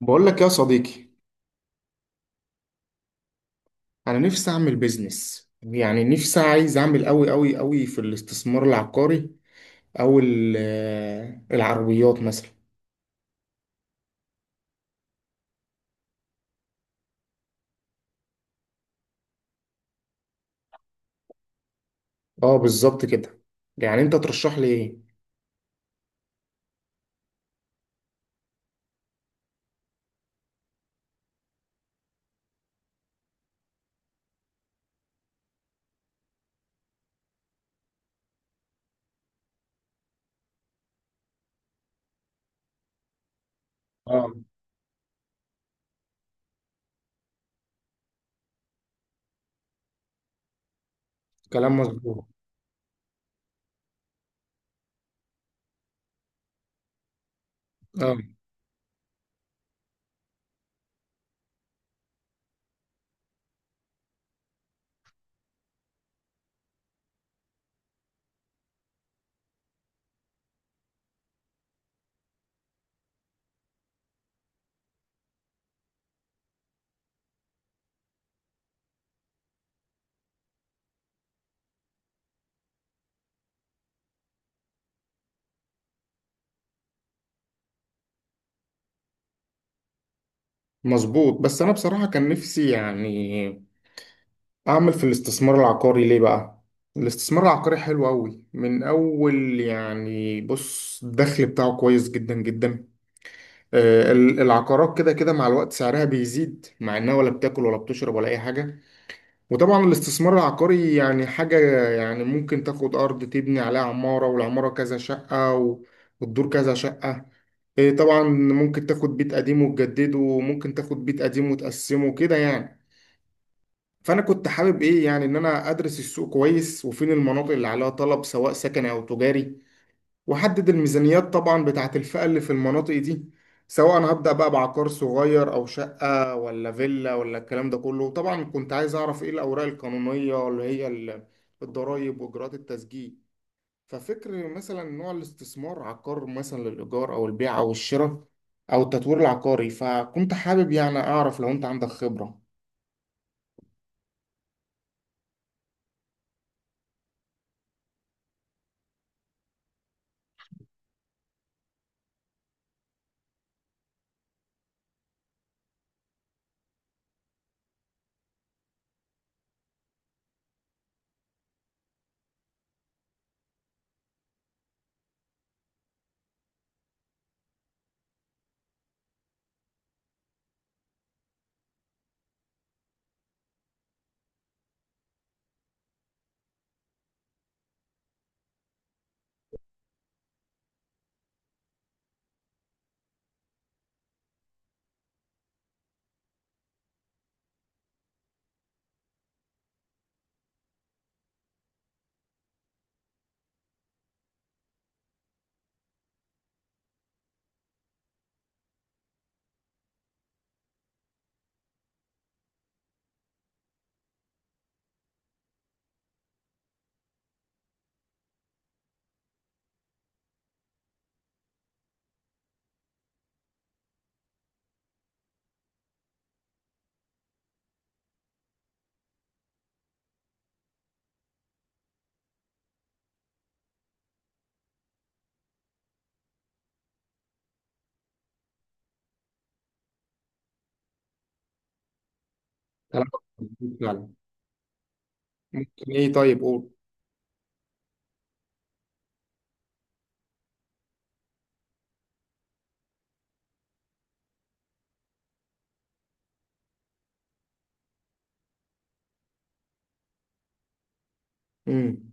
بقول لك يا صديقي. انا نفسي اعمل بيزنس، يعني نفسي عايز اعمل قوي قوي قوي في الاستثمار العقاري، او العربيات مثلا. اه، بالظبط كده. يعني انت ترشح لي ايه؟ اه، كلام مظبوط. اه، مظبوط. بس انا بصراحة كان نفسي يعني اعمل في الاستثمار العقاري. ليه بقى؟ الاستثمار العقاري حلو قوي من اول. يعني بص، الدخل بتاعه كويس جدا جدا. العقارات كده كده مع الوقت سعرها بيزيد، مع انها ولا بتاكل ولا بتشرب ولا اي حاجه. وطبعا الاستثمار العقاري يعني حاجه، يعني ممكن تاخد ارض تبني عليها عماره، والعماره كذا شقه والدور كذا شقه. إيه، طبعا ممكن تاخد بيت قديم وتجدده، وممكن تاخد بيت قديم وتقسمه كده يعني. فانا كنت حابب ايه يعني، ان انا ادرس السوق كويس، وفين المناطق اللي عليها طلب سواء سكني او تجاري، وحدد الميزانيات طبعا بتاعت الفئة اللي في المناطق دي، سواء هبدأ بقى بعقار صغير أو شقة ولا فيلا ولا الكلام ده كله. طبعا كنت عايز أعرف إيه الأوراق القانونية، اللي هي الضرايب وإجراءات التسجيل. ففكر مثلا نوع الاستثمار، عقار مثلا للإيجار أو البيع أو الشراء أو التطوير العقاري. فكنت حابب يعني أعرف لو أنت عندك خبرة. كلامك مظبوط فعلا. ممكن إيه، طيب قول. مم.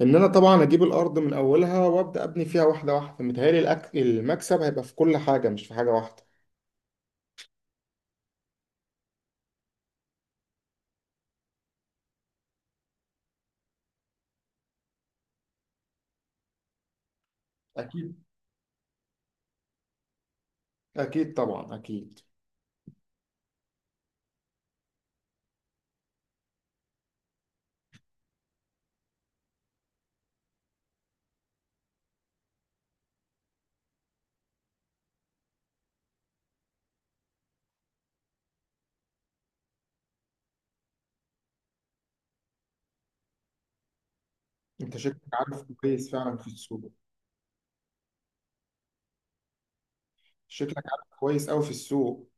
ان انا طبعا اجيب الارض من اولها وابدا ابني فيها واحده واحده. متهيألي المكسب هيبقى في كل حاجه، مش في حاجه واحده. اكيد، اكيد طبعا، اكيد. انت شكلك عارف كويس فعلا في السوق. شكلك عارف كويس قوي في السوق.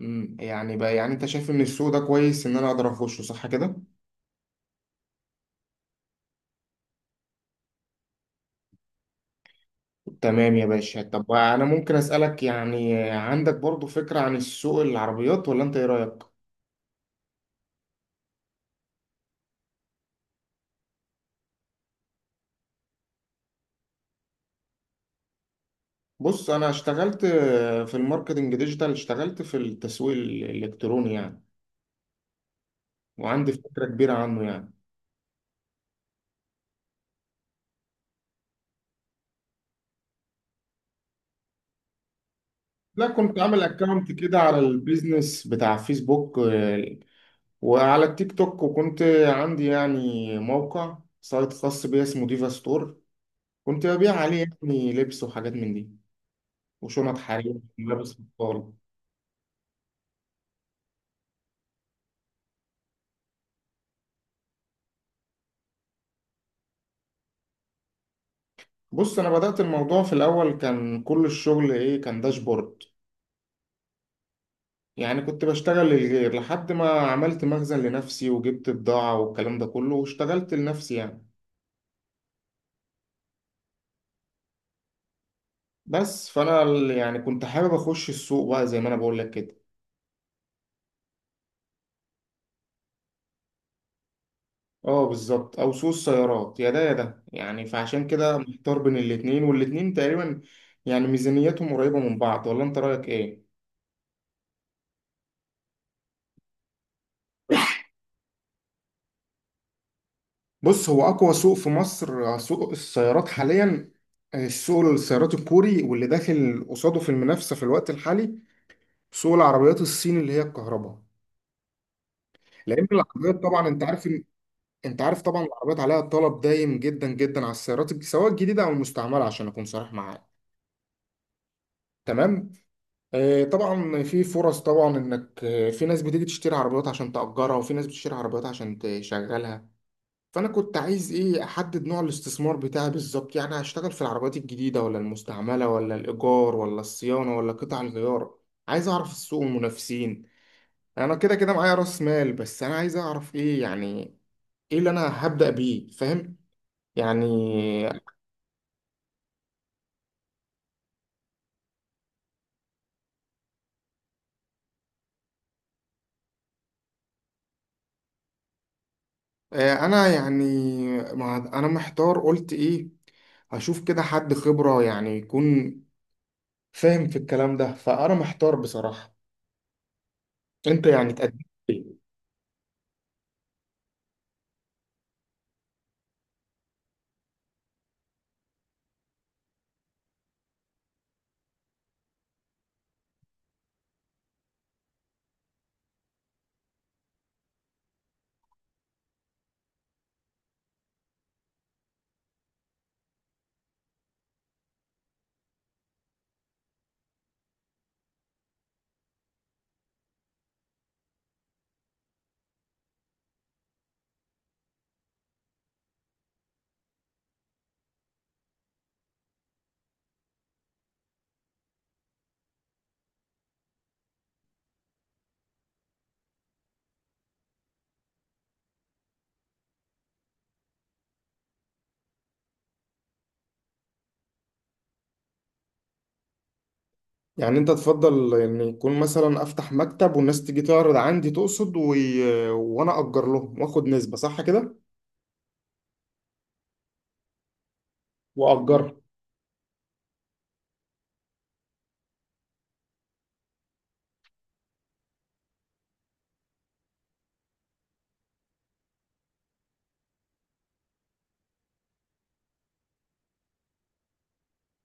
يعني بقى، يعني انت شايف ان السوق ده كويس، ان انا اقدر اخشه؟ صح كده؟ تمام يا باشا. طب انا ممكن اسالك، يعني عندك برضو فكره عن السوق، العربيات؟ ولا انت ايه رايك؟ بص انا اشتغلت في الماركتنج ديجيتال، اشتغلت في التسويق الالكتروني يعني، وعندي فكرة كبيرة عنه يعني. لا، كنت عامل اكونت كده على البيزنس بتاع فيسبوك وعلى التيك توك، وكنت عندي يعني موقع سايت خاص بيا اسمه ديفا ستور. كنت ببيع عليه يعني لبس وحاجات من دي، وشنط حرير، ملابس اطفال. بص انا بدأت الموضوع، في الاول كان كل الشغل ايه، كان داشبورد. يعني كنت بشتغل للغير لحد ما عملت مخزن لنفسي وجبت بضاعة والكلام ده كله، واشتغلت لنفسي يعني. بس فانا يعني كنت حابب اخش السوق بقى زي ما انا بقول لك كده. اه بالظبط، او سوق السيارات، يا ده يا ده يعني. فعشان كده محتار بين الاتنين، والاتنين تقريبا يعني ميزانيتهم قريبة من بعض. ولا انت رأيك ايه؟ بص هو اقوى سوق في مصر سوق السيارات حاليا. السوق السيارات الكوري، واللي داخل قصاده في المنافسة في الوقت الحالي سوق العربيات الصيني اللي هي الكهرباء. لان العربيات طبعا انت عارف، انت عارف طبعا العربيات عليها طلب دايم جدا جدا على السيارات، سواء الجديده او المستعمله، عشان اكون صريح معاك. تمام. آه طبعا في فرص، طبعا انك في ناس بتيجي تشتري عربيات عشان تأجرها، وفي ناس بتشتري عربيات عشان تشغلها. فانا كنت عايز ايه، احدد نوع الاستثمار بتاعي بالظبط، يعني هشتغل في العربيات الجديده ولا المستعمله، ولا الايجار ولا الصيانه ولا قطع الغيار. عايز اعرف السوق والمنافسين. انا كده كده معايا راس مال، بس انا عايز اعرف ايه يعني، ايه اللي انا هبدأ بيه؟ فاهم يعني؟ انا يعني، ما انا محتار قلت ايه، هشوف كده حد خبرة يعني يكون فاهم في الكلام ده. فانا محتار بصراحة. انت يعني تقدم ايه؟ يعني انت تفضل ان يكون مثلا افتح مكتب والناس تيجي تعرض عندي، تقصد وانا اجر لهم واخد نسبة؟ صح كده؟ واجرها.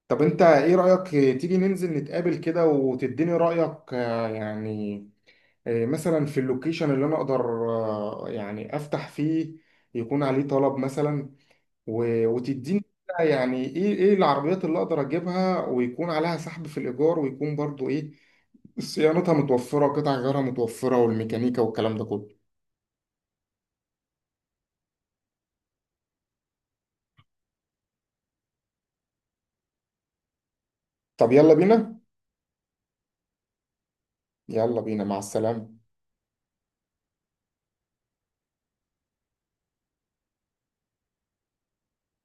طب انت ايه رأيك، تيجي ننزل نتقابل كده وتديني رأيك يعني، إيه، مثلا في اللوكيشن اللي انا اقدر يعني افتح فيه، يكون عليه طلب مثلا؟ وتديني كده يعني ايه العربيات اللي اقدر اجيبها، ويكون عليها سحب في الايجار، ويكون برضو ايه، صيانتها متوفرة، قطع غيارها متوفرة، والميكانيكا والكلام ده كله. طب يلا بينا. يلا بينا، مع السلامة.